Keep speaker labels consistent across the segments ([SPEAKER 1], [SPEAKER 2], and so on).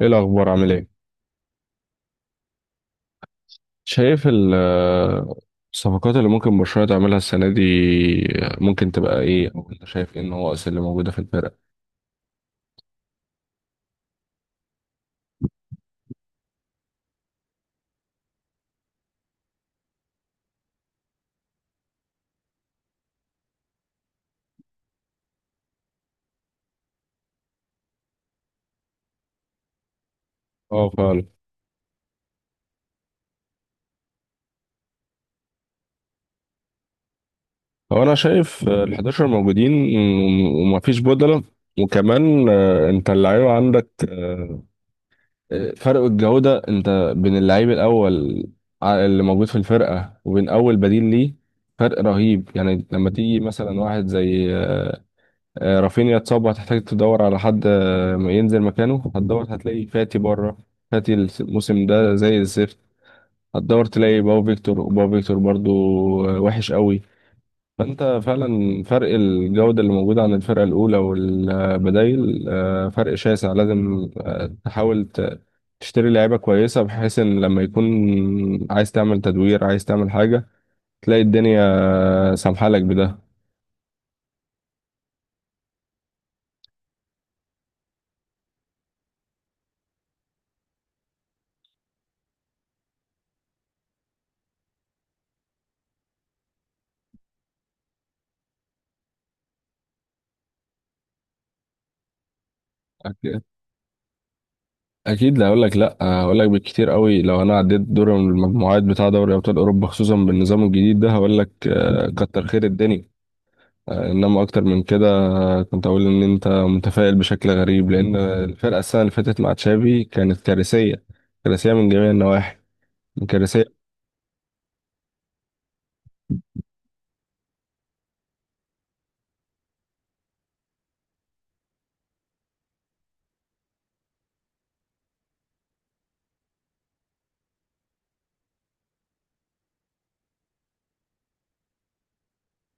[SPEAKER 1] ايه الاخبار، عامل ايه؟ شايف الصفقات اللي ممكن برشلونة تعملها السنة دي ممكن تبقى ايه، او انت شايف ايه النواقص اللي موجودة في الفرقة؟ اه، فعلا. هو انا شايف ال 11 موجودين وما فيش بدلة، وكمان انت اللعيبة عندك. فرق الجودة انت بين اللعيب الاول اللي موجود في الفرقة وبين اول بديل ليه فرق رهيب. يعني لما تيجي مثلا واحد زي رافينيا اتصاب وهتحتاج تدور على حد ينزل مكانه، هتدور هتلاقي فاتي بره. فاتي الموسم ده زي الزفت. هتدور تلاقي باو فيكتور، وباو فيكتور برضو وحش قوي. فانت فعلا فرق الجودة اللي موجودة عن الفرقة الأولى والبدايل فرق شاسع. لازم تحاول تشتري لعيبة كويسة، بحيث ان لما يكون عايز تعمل تدوير، عايز تعمل حاجة، تلاقي الدنيا سامحالك بده. اكيد. لا هقول لك بالكتير قوي، لو انا عديت دور المجموعات بتاع دوري ابطال اوروبا خصوصا بالنظام الجديد ده، هقول لك كتر خير الدنيا. انما اكتر من كده كنت اقول ان انت متفائل بشكل غريب، لان الفرقه السنه اللي فاتت مع تشافي كانت كارثيه. كارثيه من جميع النواحي. كارثيه.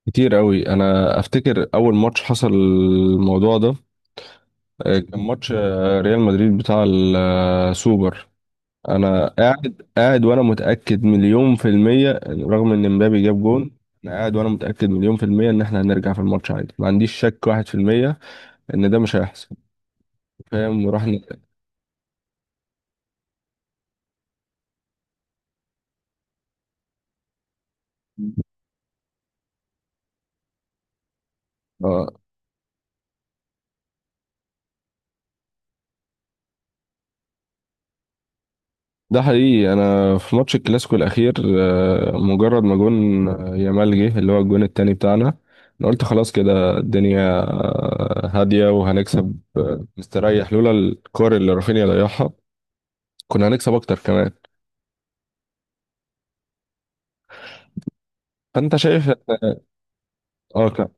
[SPEAKER 1] كتير قوي. انا افتكر اول ماتش حصل الموضوع ده كان ماتش ريال مدريد بتاع السوبر. انا قاعد قاعد وانا متاكد مليون في الميه، رغم ان مبابي جاب جون. انا قاعد وانا متاكد مليون في الميه ان احنا هنرجع في الماتش عادي، ما عنديش شك واحد في الميه ان ده مش هيحصل. فاهم؟ ورحنا. اه، ده حقيقي. انا في ماتش الكلاسيكو الاخير مجرد ما جون يامال جه اللي هو الجون التاني بتاعنا، انا قلت خلاص كده الدنيا هاديه وهنكسب مستريح، لولا الكور اللي رافينيا ضيعها كنا هنكسب اكتر كمان. فانت شايف. اه.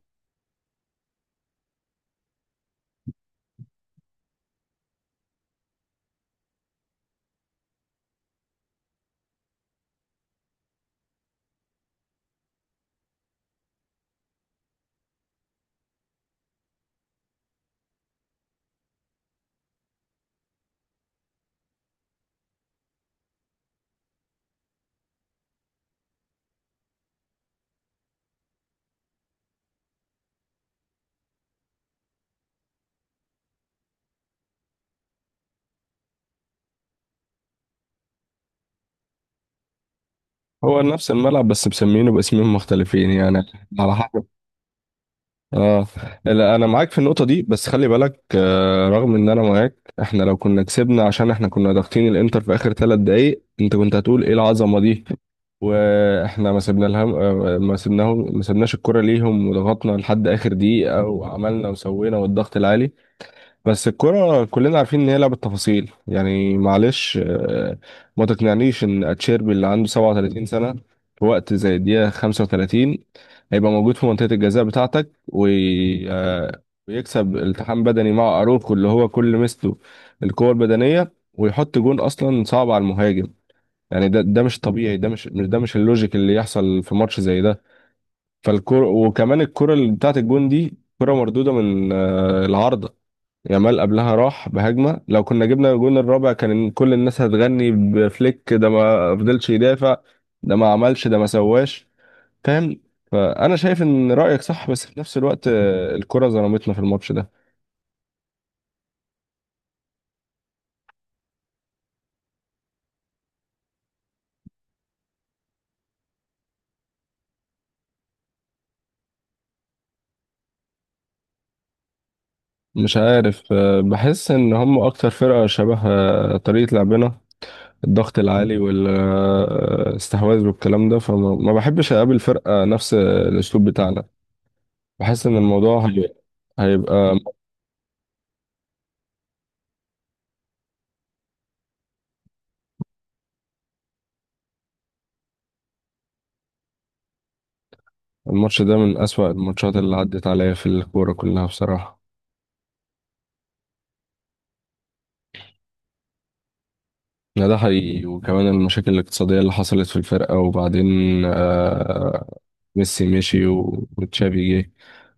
[SPEAKER 1] هو نفس الملعب بس مسمينه باسمين مختلفين يعني. على حسب. اه، لا انا معاك في النقطه دي، بس خلي بالك آه، رغم ان انا معاك، احنا لو كنا كسبنا عشان احنا كنا ضاغطين الانتر في اخر 3 دقائق، انت كنت هتقول ايه العظمه دي. واحنا ما سيبنا لهم ما سيبناهم، ما سيبناش الكره ليهم، وضغطنا لحد اخر دقيقه وعملنا وسوينا والضغط العالي. بس الكرة كلنا عارفين ان هي لعبة تفاصيل. يعني معلش ما تقنعنيش ان اتشيربي اللي عنده 37 سنة، في وقت زي الدقيقة 35، هيبقى موجود في منطقة الجزاء بتاعتك، ويكسب التحام بدني مع اروخو اللي هو كل مسته القوة البدنية، ويحط جون اصلا صعب على المهاجم. يعني ده مش طبيعي. ده مش اللوجيك اللي يحصل في ماتش زي ده. فالكرة، وكمان الكرة اللي بتاعت الجون دي كرة مردودة من العارضة. يامال قبلها راح بهجمة، لو كنا جبنا الجون الرابع كان كل الناس هتغني بفليك. ده ما فضلش يدافع، ده ما عملش، ده ما سواش. فاهم؟ فأنا شايف إن رأيك صح، بس في نفس الوقت الكرة ظلمتنا في الماتش ده. مش عارف بحس إن هم أكتر فرقة شبه طريقة لعبنا، الضغط العالي والاستحواذ والكلام ده. فما ما بحبش أقابل فرقة نفس الأسلوب بتاعنا. بحس إن الموضوع هيبقى الماتش ده من أسوأ الماتشات اللي عدت عليا في الكورة كلها، بصراحة. لا، ده حقيقي. وكمان المشاكل الاقتصادية اللي حصلت في الفرقة، وبعدين آه ميسي مشي وتشافي جه.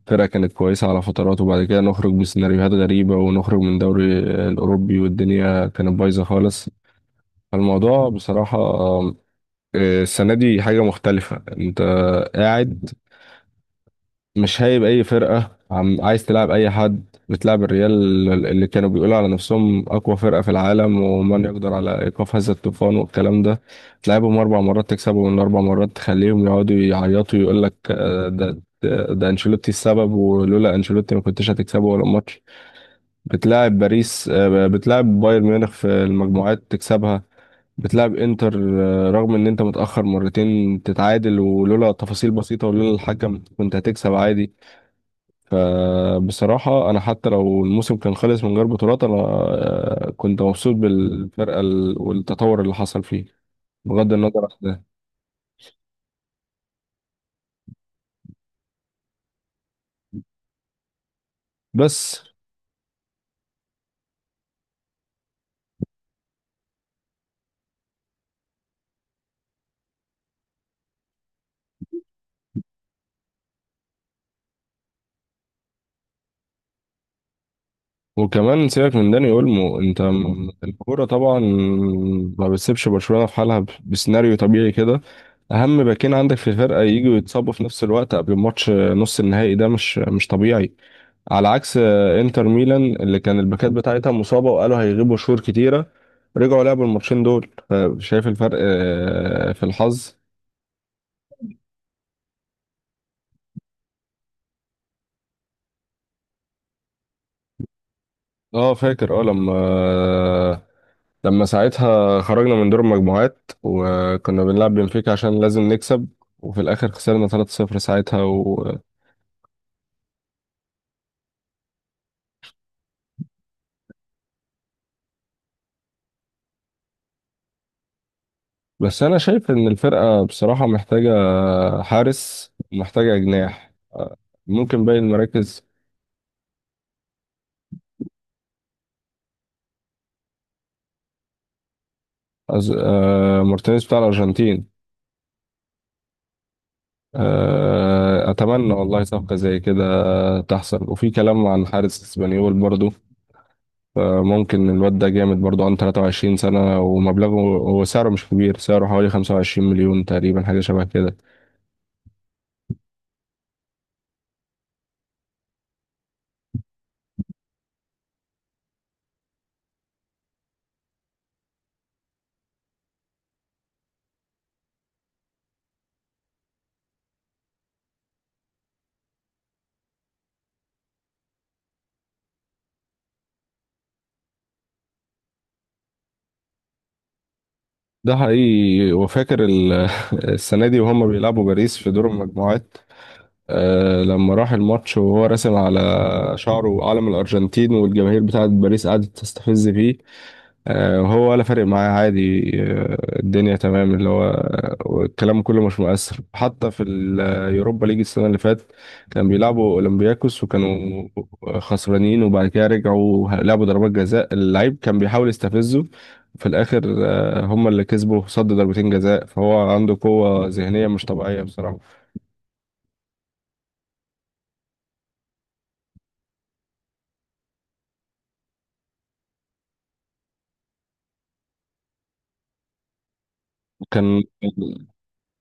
[SPEAKER 1] الفرقة كانت كويسة على فترات، وبعد كده نخرج بسيناريوهات غريبة ونخرج من دوري الأوروبي، والدنيا كانت بايظة خالص. فالموضوع بصراحة السنة دي حاجة مختلفة. أنت قاعد مش هايب اي فرقه، عم عايز تلعب اي حد. بتلعب الريال اللي كانوا بيقولوا على نفسهم اقوى فرقه في العالم ومن يقدر على ايقاف هذا الطوفان والكلام ده، تلعبهم اربع مرات تكسبهم من اربع مرات، تخليهم يقعدوا يعيطوا يقول لك ده انشيلوتي السبب، ولولا انشيلوتي ما كنتش هتكسبه ولا ماتش. بتلاعب باريس بتلاعب بايرن ميونخ في المجموعات تكسبها. بتلعب انتر رغم ان انت متأخر مرتين تتعادل، ولولا تفاصيل بسيطة ولولا الحكم كنت هتكسب عادي. فبصراحة أنا حتى لو الموسم كان خلص من غير بطولات، أنا كنت مبسوط بالفرقة والتطور اللي حصل فيه، بغض النظر عن ده. بس، وكمان سيبك من داني أولمو. أنت الكورة طبعا ما بتسيبش برشلونة في حالها بسيناريو طبيعي كده. أهم باكين عندك في الفرقة يجوا يتصابوا في نفس الوقت قبل ماتش نص النهائي، ده مش طبيعي. على عكس انتر ميلان اللي كان الباكات بتاعتها مصابة وقالوا هيغيبوا شهور كتيرة، رجعوا لعبوا الماتشين دول. شايف الفرق في الحظ. اه، فاكر، اه. لما ساعتها خرجنا من دور المجموعات وكنا بنلعب بنفيكا عشان لازم نكسب، وفي الاخر خسرنا 3-0 ساعتها. و... بس انا شايف ان الفرقة بصراحة محتاجة حارس ومحتاجة جناح، ممكن باقي المراكز. أز... آه، مارتينيز بتاع الارجنتين. أتمنى والله صفقة زي كده تحصل. وفي كلام عن حارس اسبانيول برضو، ممكن الواد ده جامد برضو، عنده 23 سنة، ومبلغه وسعره مش كبير، سعره حوالي 25 مليون تقريبا، حاجة شبه كده. ده حقيقي. وفاكر السنة دي وهم بيلعبوا باريس في دور المجموعات، لما راح الماتش وهو راسم على شعره علم الأرجنتين، والجماهير بتاعت باريس قعدت تستفز فيه وهو ولا فارق معاه عادي، الدنيا تمام. اللي هو الكلام كله مش مؤثر. حتى في اليوروبا ليج السنة اللي فاتت كان بيلعبوا أولمبياكوس وكانوا خسرانين، وبعد كده رجعوا لعبوا ضربات جزاء، اللعيب كان بيحاول يستفزه. في الآخر هم اللي كسبوا، صد ضربتين جزاء. فهو عنده قوة ذهنية مش طبيعية بصراحة. كان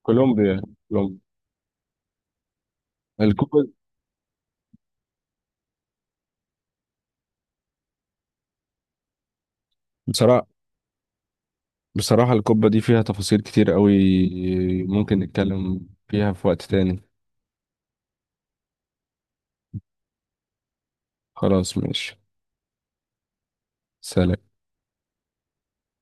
[SPEAKER 1] كولومبيا. كولومبيا. الكوبا. بصراحة، بصراحة القبة دي فيها تفاصيل كتير قوي، ممكن نتكلم فيها في وقت تاني. خلاص، ماشي. سلام.